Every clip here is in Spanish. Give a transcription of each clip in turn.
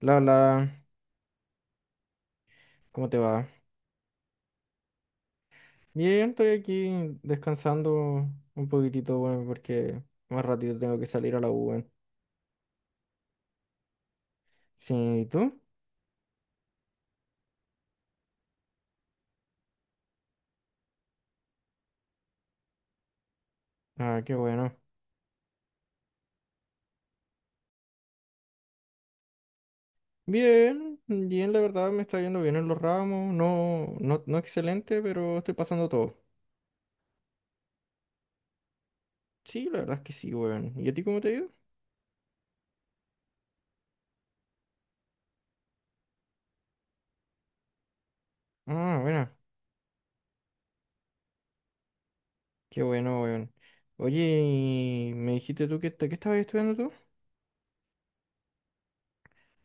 La, la, ¿Cómo te va? Bien, estoy aquí descansando un poquitito, bueno, porque más ratito tengo que salir a la U, weón. Sí, ¿y tú? Ah, qué bueno. Bien, bien, la verdad me está yendo bien en los ramos, no excelente, pero estoy pasando todo. Sí, la verdad es que sí, weón. ¿Y a ti cómo te ha ido? Ah, bueno, qué bueno, weón. Oye, y me dijiste tú que estabas estudiando tú.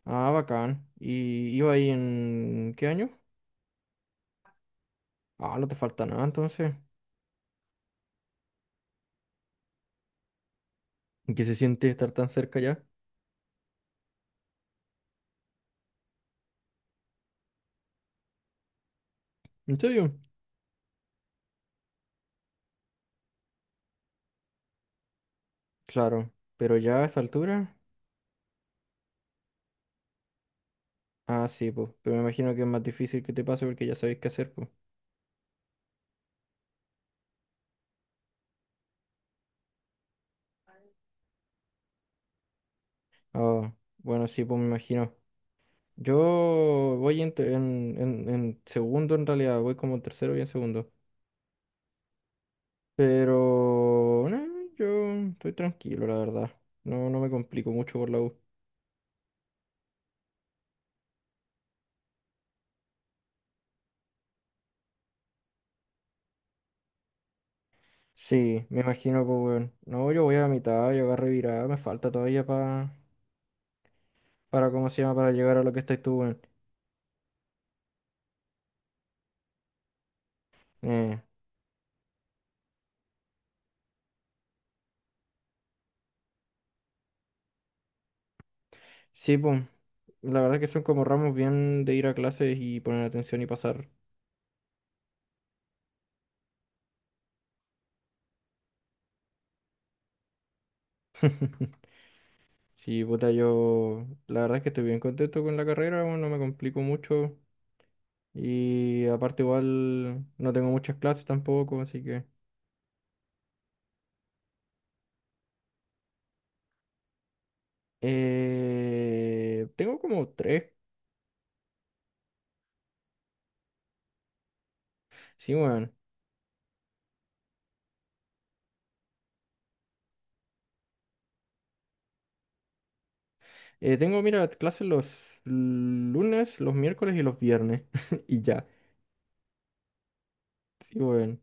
Ah, bacán. ¿Y iba ahí en qué año? Ah, no te falta nada entonces. ¿Y qué se siente estar tan cerca ya? ¿En serio? Claro, pero ya a esa altura. Ah, sí, pues. Pero me imagino que es más difícil que te pase porque ya sabéis qué hacer, pues. Ah, bueno, sí, pues me imagino. Yo voy en segundo, en realidad. Voy como en tercero y en segundo. Pero. No, yo estoy tranquilo, la verdad. No, no me complico mucho por la U. Sí, me imagino, pues, weón. No, yo voy a la mitad, yo agarré virada. Me falta todavía para. Para, ¿cómo se llama? Para llegar a lo que estás tú, weón. Eh, Sí, pues, la verdad que son como ramos bien de ir a clases y poner atención y pasar. Sí, puta, yo la verdad es que estoy bien contento con la carrera, bueno, no me complico mucho y aparte igual no tengo muchas clases tampoco, así que... Tengo como tres, sí, bueno. Tengo, mira, clases los lunes, los miércoles y los viernes y ya, sí, bueno.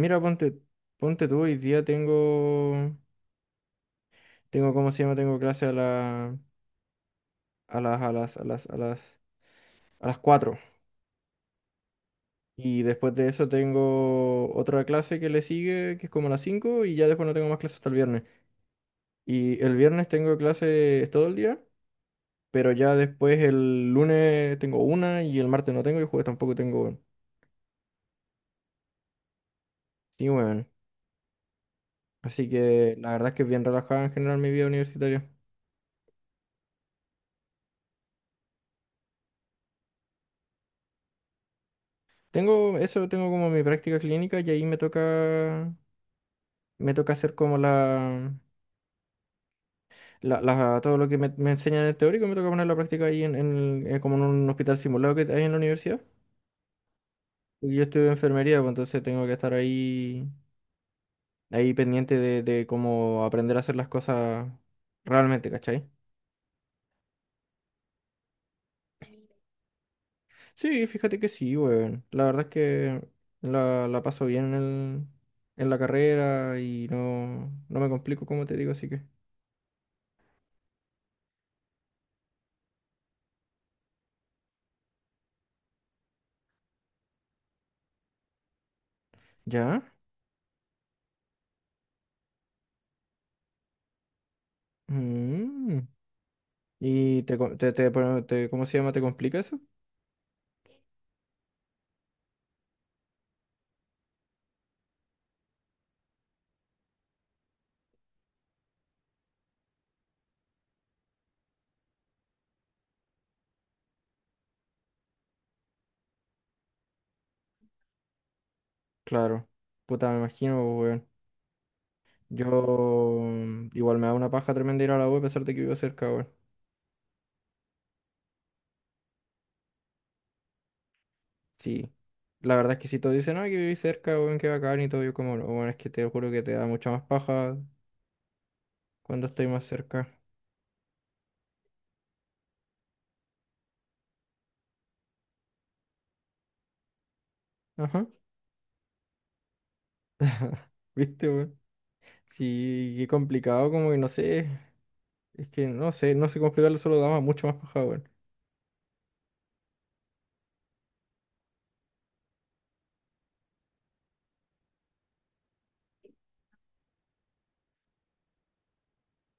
Mira, ponte tú, hoy día tengo... Tengo, ¿cómo se llama? Tengo clase a las, a las, a las, a las, a las 4. Y después de eso tengo otra clase que le sigue, que es como a las 5 y ya después no tengo más clases hasta el viernes. Y el viernes tengo clases todo el día, pero ya después el lunes tengo una y el martes no tengo y el jueves tampoco tengo, weón. Sí, weón. Así que la verdad es que es bien relajada en general mi vida universitaria. Tengo eso, tengo como mi práctica clínica y ahí me toca hacer como todo lo que me enseñan en el teórico me toca poner en la práctica ahí en como en un hospital simulado que hay en la universidad. Porque yo estudio enfermería, pues entonces tengo que estar ahí, ahí pendiente de cómo aprender a hacer las cosas realmente, ¿cachai? Sí, fíjate que sí, weón. La verdad es que la paso bien en la carrera y no, no me complico, como te digo, así que. ¿Ya? Mm. ¿Y te, co- te, pro- te- cómo se llama? ¿Te complica eso? Claro. Puta, me imagino, weón. Yo igual me da una paja tremenda ir a la U a pesar de que vivo cerca, weón. Sí. La verdad es que si todos dicen, ay, que viví cerca, weón, que bacán y todo, yo como, no, weón, es que te juro que te da mucha más paja cuando estoy más cerca. Ajá, ¿viste, weón? Sí, qué complicado, como que no sé. Es que no sé, no sé cómo explicarlo, solo da mucho más paja, weón.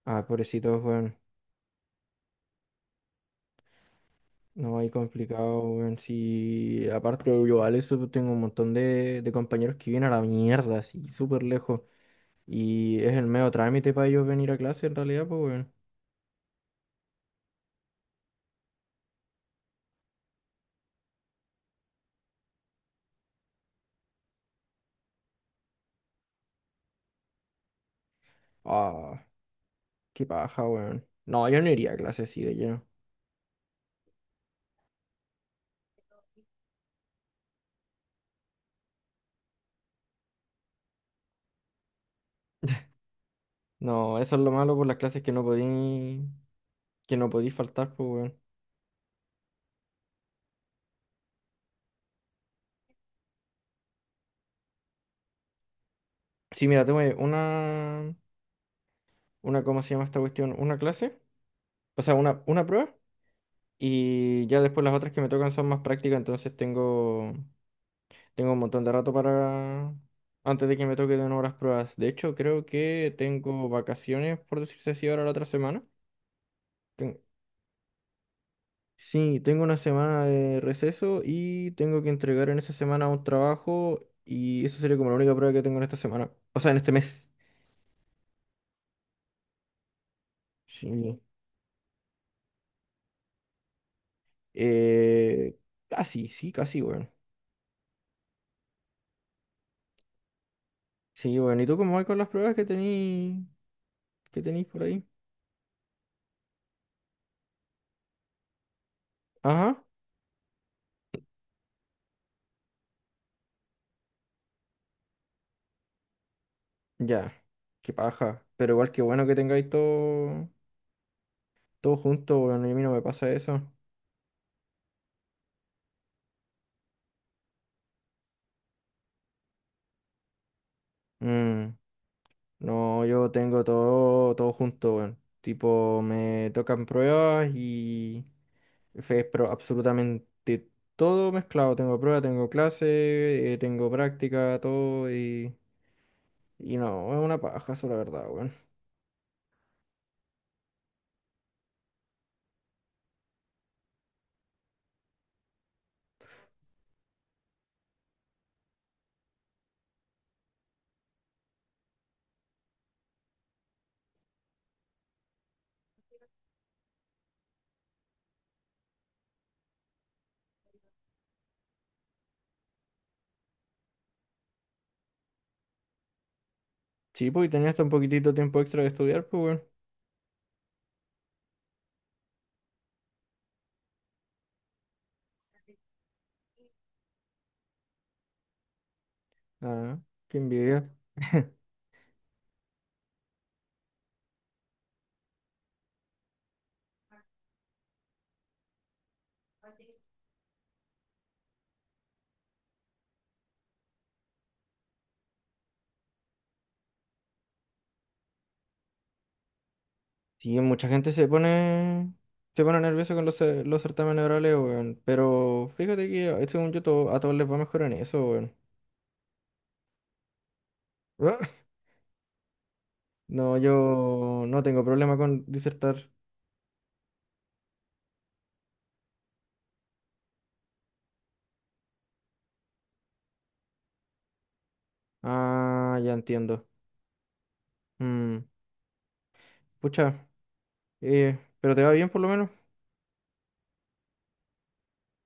Ah, pobrecitos, weón. No, hay complicado, weón. Sí, aparte yo, al eso pues, tengo un montón de compañeros que vienen a la mierda, así, súper lejos. Y es el medio trámite para ellos venir a clase en realidad, pues, weón. Ah, qué paja, weón. No, yo no iría a clase así de lleno. No, eso es lo malo por las clases que no podí faltar, pues, weón. Sí, mira, tengo una, ¿cómo se llama esta cuestión? Una clase, o sea, una prueba. Y ya después las otras que me tocan son más prácticas, entonces tengo un montón de rato para, antes de que me toque de nuevo las pruebas. De hecho, creo que tengo vacaciones, por decirse así, ahora la otra semana. Ten- Sí, tengo una semana de receso y tengo que entregar en esa semana un trabajo y esa sería como la única prueba que tengo en esta semana. O sea, en este mes. Sí. Eh, casi, sí, sí, casi, bueno. Sí, bueno. ¿Y tú cómo vas con las pruebas que tenéis por ahí? Ajá, ya. Qué paja. Pero igual que bueno que tengáis todo, todo junto, bueno. Y a mí no me pasa eso. Mm, no, yo tengo todo, todo junto, bueno. Tipo, me tocan pruebas y... Fue pero absolutamente todo mezclado. Tengo prueba, tengo clase, tengo práctica, todo y no, es una paja eso, la verdad, weón. Sí, pues y tenía hasta un poquitito tiempo extra de estudiar, pues weón. Ah, qué envidia. Sí, mucha gente se pone nerviosa con los certámenes orales, weón. Pero fíjate que según yo todo, a todos les va mejor en eso, weón. Ah, no, yo no tengo problema con disertar. Ah, ya entiendo. Mm, pucha, pero te va bien por lo menos.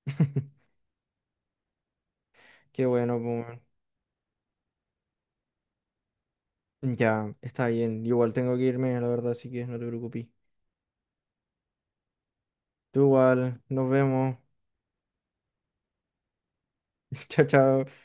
Qué bueno, pues, weón. Ya, está bien. Igual tengo que irme, la verdad, así que no te preocupes. Tú igual, nos vemos. Chao, chao.